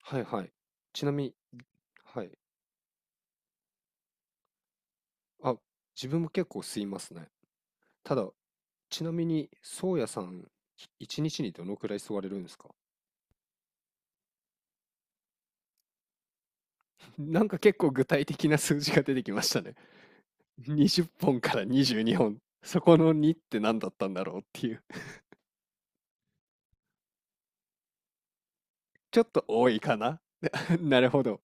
はいはい。ちなみに、はい。あ、自分も結構吸いますね。ただ、ちなみに、宗谷さん、一日にどのくらい吸われるんですか？ なんか結構具体的な数字が出てきましたね。20本から22本。そこの2って何だったんだろうっていう。ちょっと多いかな。 なるほど。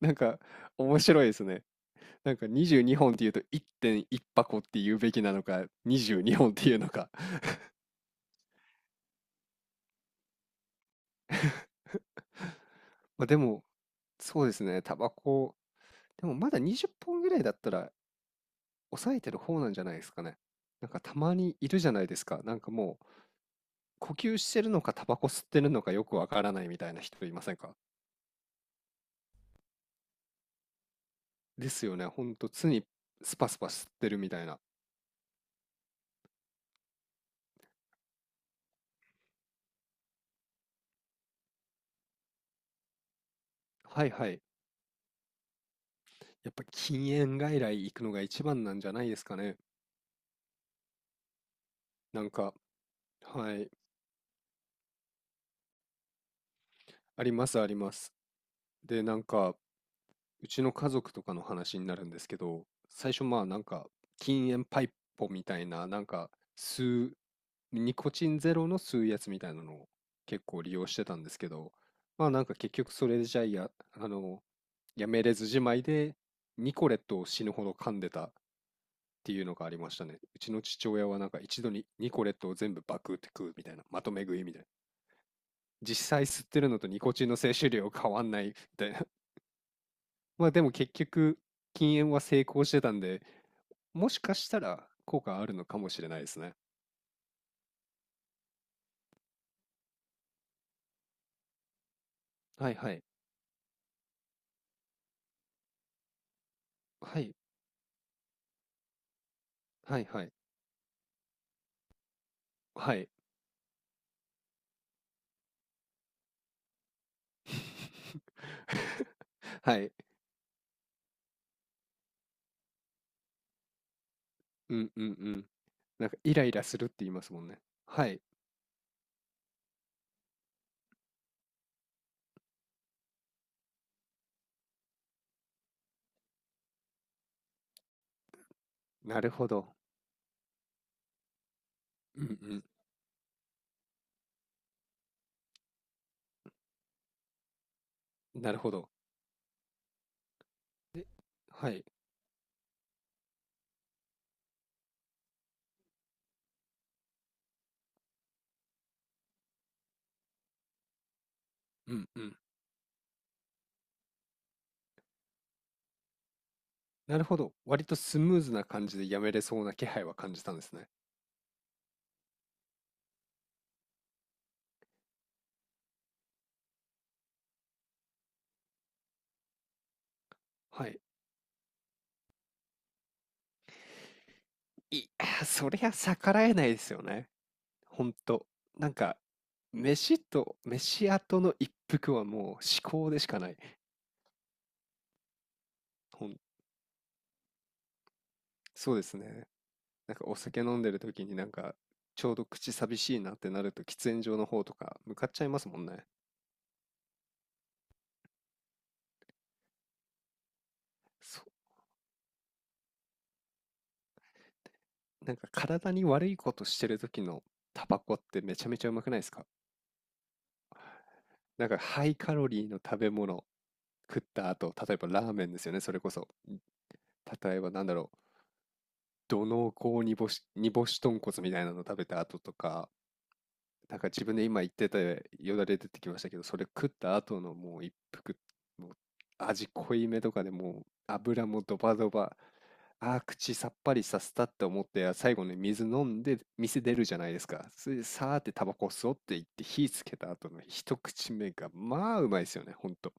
なんか面白いですね。なんか22本っていうと1.1箱って言うべきなのか、22本っていうのか。まあでも、そうですね。タバコでもまだ20本ぐらいだったら抑えてる方なんじゃないですかね。なんかたまにいるじゃないですか。なんかもう呼吸してるのかタバコ吸ってるのかよくわからないみたいな人いませんか？ですよね。ほんと常にスパスパ吸ってるみたいな。はいはい。やっぱ禁煙外来行くのが一番なんじゃないですかね。なんか、はい。ありますあります。で、なんかうちの家族とかの話になるんですけど、最初まあなんか禁煙パイポみたいな、なんか吸う、ニコチンゼロの吸うやつみたいなのを結構利用してたんですけど、まあなんか結局それじゃや、あの、やめれずじまいでニコレットを死ぬほど噛んでたっていうのがありましたね。うちの父親はなんか一度にニコレットを全部バクって食うみたいな、まとめ食いみたいな。実際吸ってるのとニコチンの摂取量変わんないみたいな、まあ、でも結局、禁煙は成功してたんで、もしかしたら効果あるのかもしれないですね。はいはい。はいはいはい。はい。はい。うんうんうん。なんかイライラするって言いますもんね。はい。なるほど。うんうん。なるほど。はい。うんうん。なるほど。割とスムーズな感じでやめれそうな気配は感じたんですね。はい。いやー、そりゃ逆らえないですよね。ほんと、なんか、飯と、飯後の一服はもう至高でしかない。ほん、そうですね。なんかお酒飲んでる時になんか、ちょうど口寂しいなってなると喫煙所の方とか向かっちゃいますもんね。そう、なんか体に悪いことしてる時のタバコってめちゃめちゃうまくないですか？なんかハイカロリーの食べ物食った後、例えばラーメンですよね、それこそ。例えばなんだろう、土のうこう煮干し、煮干し豚骨みたいなの食べた後とか、なんか自分で今言ってたよだれ出てきましたけど、それ食った後のもう一服、もう味濃いめとかでもう油もドバドバ、あー口さっぱりさせたって思って、最後に水飲んで店出るじゃないですか。それでさーってタバコ吸おうって言って火つけた後の一口目が、まあうまいですよね、ほんと。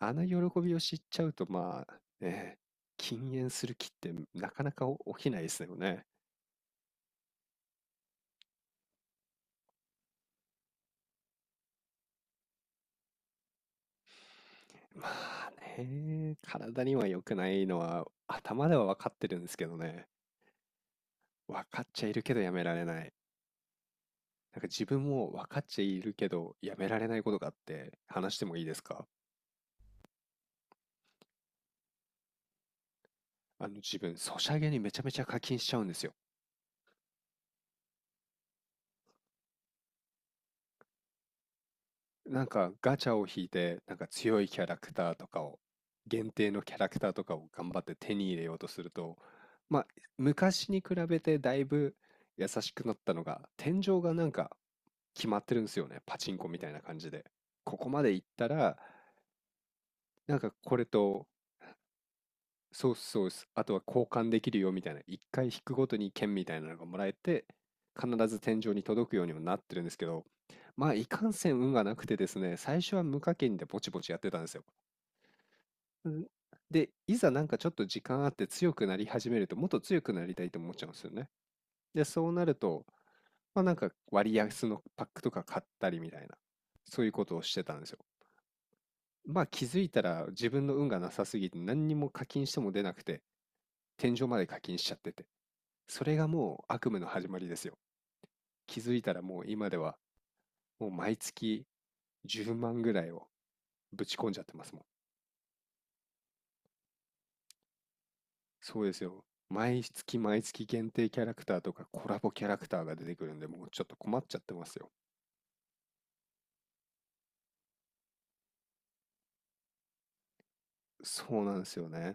あの喜びを知っちゃうと、まあね、禁煙する気ってなかなか起きないですよね。まあね、体には良くないのは頭では分かってるんですけどね。分かっちゃいるけどやめられない。なんか自分も分かっちゃいるけどやめられないことがあって話してもいいですか？あの自分、ソシャゲにめちゃめちゃ課金しちゃうんですよ。なんかガチャを引いて、なんか強いキャラクターとかを、限定のキャラクターとかを頑張って手に入れようとすると、まあ昔に比べてだいぶ優しくなったのが、天井がなんか決まってるんですよね。パチンコみたいな感じで。ここまで行ったら、なんかこれと、そうっすそうです、あとは交換できるよみたいな、一回引くごとに券みたいなのがもらえて、必ず天井に届くようにもなってるんですけど、まあ、いかんせん運がなくてですね、最初は無課金でぼちぼちやってたんですよ。んで、いざなんかちょっと時間あって強くなり始めると、もっと強くなりたいと思っちゃうんですよね。で、そうなると、まあなんか割安のパックとか買ったりみたいな、そういうことをしてたんですよ。まあ気づいたら自分の運がなさすぎて何にも課金しても出なくて、天井まで課金しちゃってて、それがもう悪夢の始まりですよ。気づいたらもう今ではもう毎月10万ぐらいをぶち込んじゃってますもん。そうですよ、毎月毎月限定キャラクターとかコラボキャラクターが出てくるんで、もうちょっと困っちゃってますよ。そうなんですよね。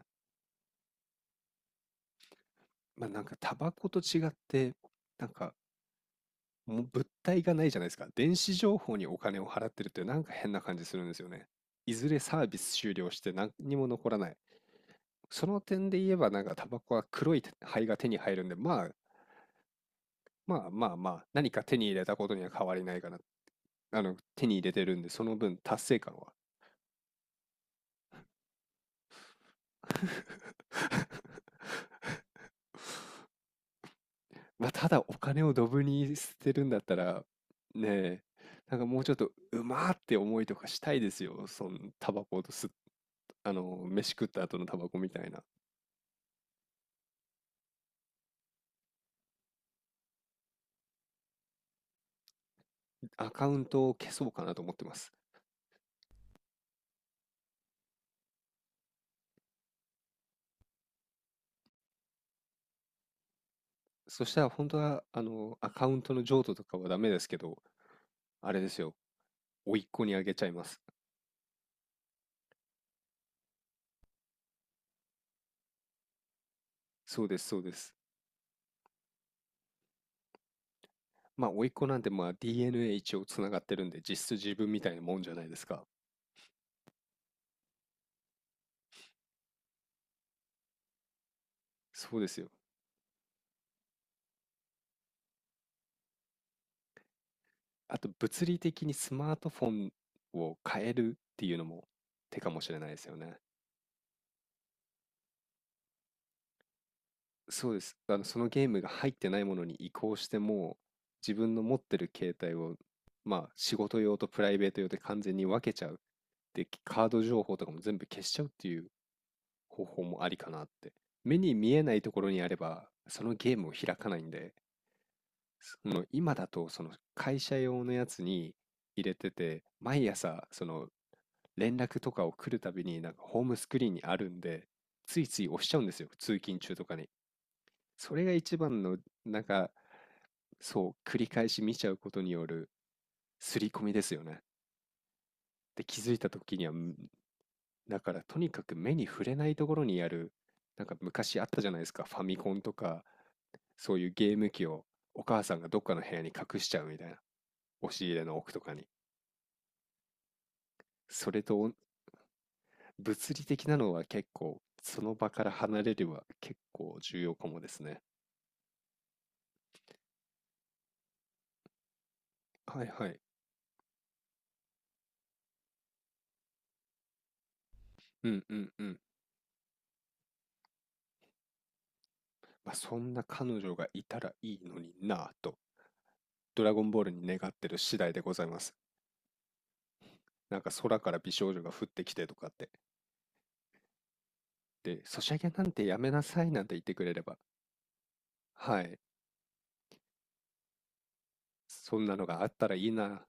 まあなんかタバコと違ってなんかもう物体がないじゃないですか。電子情報にお金を払ってるってなんか変な感じするんですよね。いずれサービス終了して何にも残らない。その点で言えばなんかタバコは黒い灰が手に入るんで、まあまあまあまあ、何か手に入れたことには変わりないかな。あの、手に入れてるんで、その分達成感は。まあ、ただお金をドブに捨てるんだったら、ねえ、なんかもうちょっとうまーって思いとかしたいですよ。そのタバコと吸っ、あの、飯食った後のタバコみたいな。アカウントを消そうかなと思ってます。そしたら本当は、あの、アカウントの譲渡とかはダメですけど、あれですよ。甥っ子にあげちゃいます。そうです、そうです。まあ、甥っ子なんてまあ DNA 一応つながってるんで、実質自分みたいなもんじゃないですか。そうですよ。あと、物理的にスマートフォンを変えるっていうのも手かもしれないですよね。そうです。あの、そのゲームが入ってないものに移行しても、自分の持ってる携帯を、まあ、仕事用とプライベート用で完全に分けちゃう。で、カード情報とかも全部消しちゃうっていう方法もありかなって。目に見えないところにあれば、そのゲームを開かないんで、その今だと、その会社用のやつに入れてて、毎朝、その連絡とかを来るたびに、なんかホームスクリーンにあるんで、ついつい押しちゃうんですよ、通勤中とかに。それが一番の、なんか、そう、繰り返し見ちゃうことによる刷り込みですよね。で、気づいた時には、ん、だからとにかく目に触れないところにある、なんか昔あったじゃないですか、ファミコンとか、そういうゲーム機をお母さんがどっかの部屋に隠しちゃうみたいな、押し入れの奥とかに。それとおん、物理的なのは結構、その場から離れれば結構重要かもですね。はいはい。うんうんうん。まあ、そんな彼女がいたらいいのになぁと、ドラゴンボールに願ってる次第でございます。なんか空から美少女が降ってきてとかって。で、ソシャゲなんてやめなさいなんて言ってくれれば、はい、そんなのがあったらいいな